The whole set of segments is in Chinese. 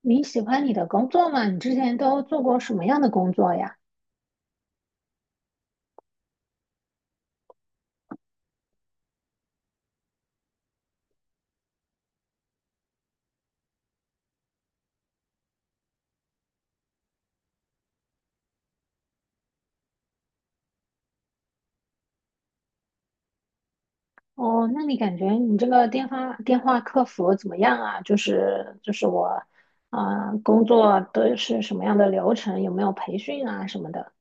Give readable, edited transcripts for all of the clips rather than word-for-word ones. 你喜欢你的工作吗？你之前都做过什么样的工作呀？哦，那你感觉你这个电话客服怎么样啊？就是就是我，啊、工作都是什么样的流程？有没有培训啊什么的？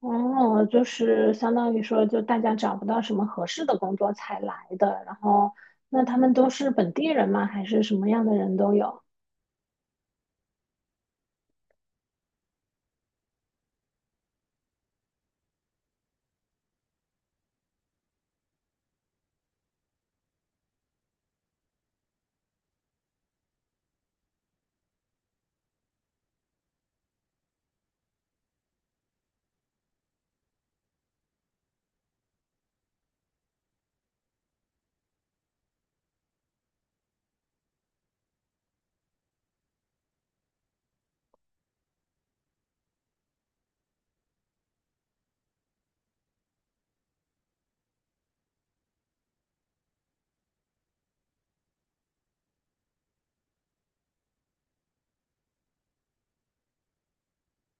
哦，就是相当于说，就大家找不到什么合适的工作才来的，然后那他们都是本地人吗？还是什么样的人都有？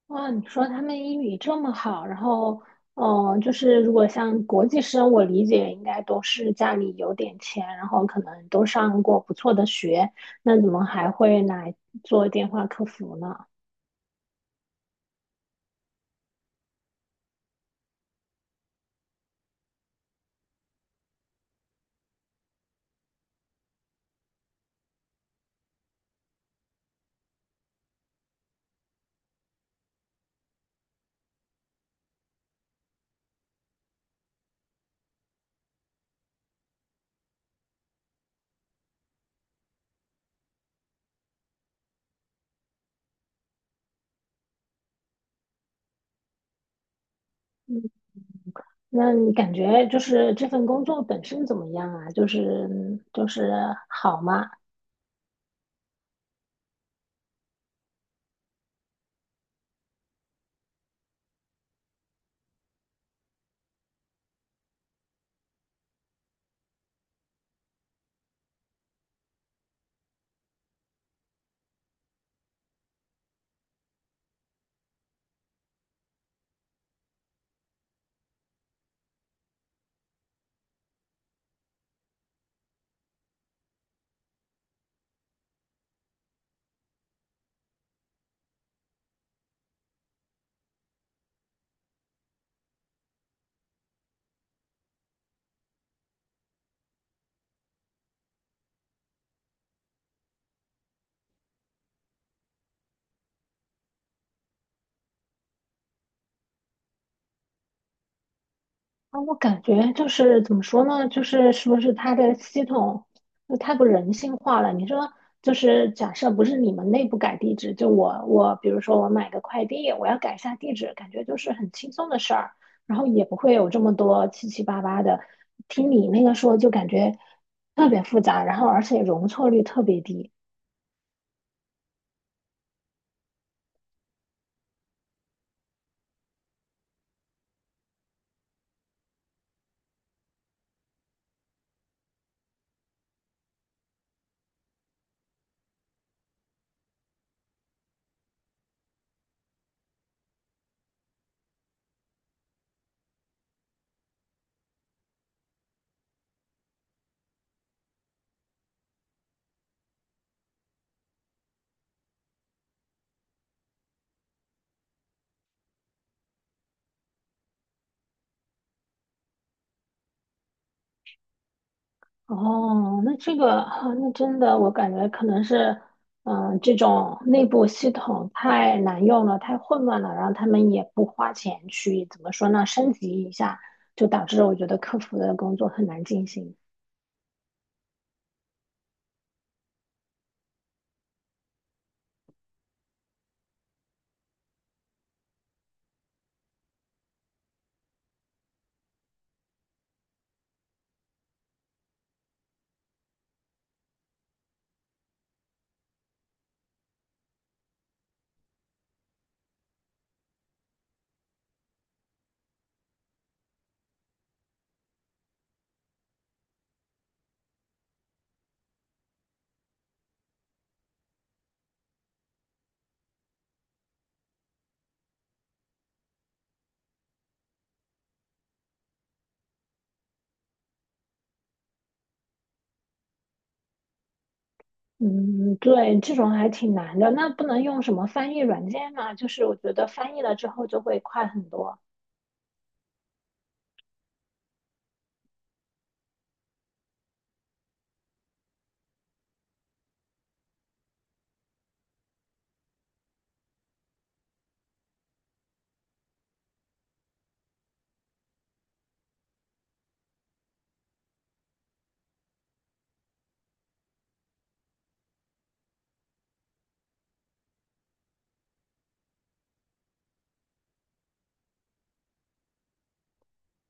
哇，你说他们英语这么好，然后，就是如果像国际生，我理解应该都是家里有点钱，然后可能都上过不错的学，那怎么还会来做电话客服呢？那你感觉就是这份工作本身怎么样啊？就是好吗？啊，我感觉就是怎么说呢？就是是不是它的系统就太不人性化了？你说，就是假设不是你们内部改地址，就我比如说我买个快递，我要改一下地址，感觉就是很轻松的事儿，然后也不会有这么多七七八八的。听你那个说，就感觉特别复杂，然后而且容错率特别低。哦，那这个啊，那真的，我感觉可能是，嗯，这种内部系统太难用了，太混乱了，然后他们也不花钱去，怎么说呢，升级一下，就导致我觉得客服的工作很难进行。嗯，对，这种还挺难的。那不能用什么翻译软件吗？就是我觉得翻译了之后就会快很多。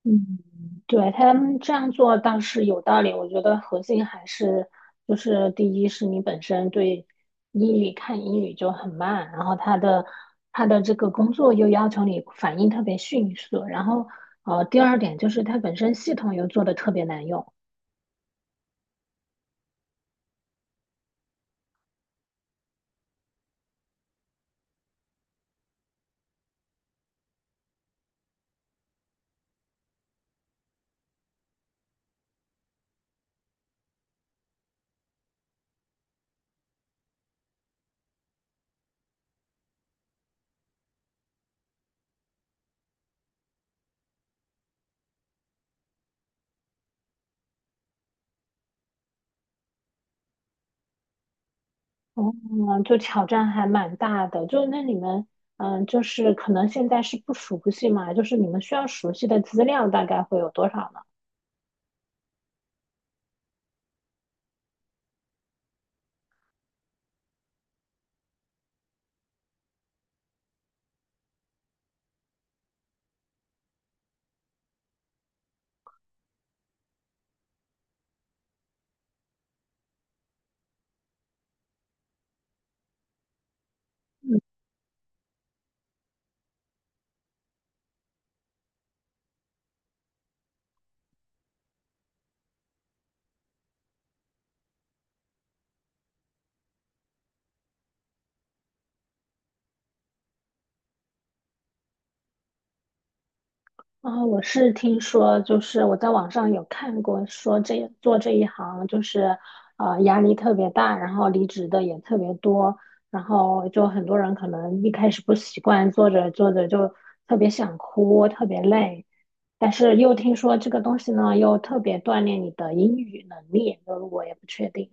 嗯，对，他们这样做倒是有道理。我觉得核心还是就是，第一是你本身对英语看英语就很慢，然后他的这个工作又要求你反应特别迅速，然后第二点就是它本身系统又做的特别难用，嗯，就挑战还蛮大的。就那你们嗯，就是可能现在是不熟悉嘛，就是你们需要熟悉的资料大概会有多少呢？我是听说，就是我在网上有看过，说这做这一行就是，压力特别大，然后离职的也特别多，然后就很多人可能一开始不习惯，做着做着就特别想哭，特别累，但是又听说这个东西呢，又特别锻炼你的英语能力，就是我也不确定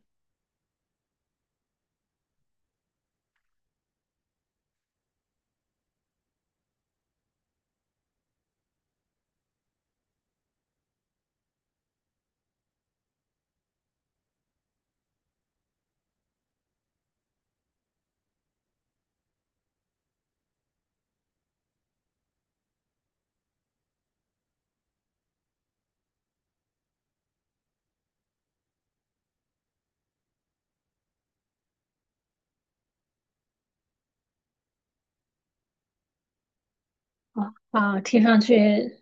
啊啊，听上去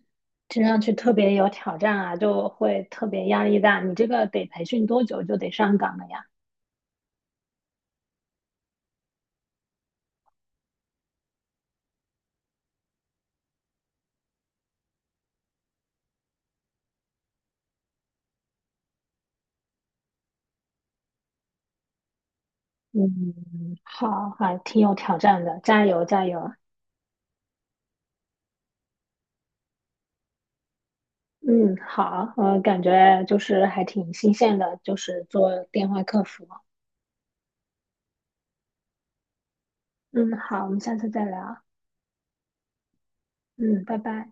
听上去特别有挑战啊，就会特别压力大。你这个得培训多久就得上岗了呀？嗯，好，还挺有挑战的，加油加油。嗯，好，我感觉就是还挺新鲜的，就是做电话客服。嗯，好，我们下次再聊。嗯，拜拜。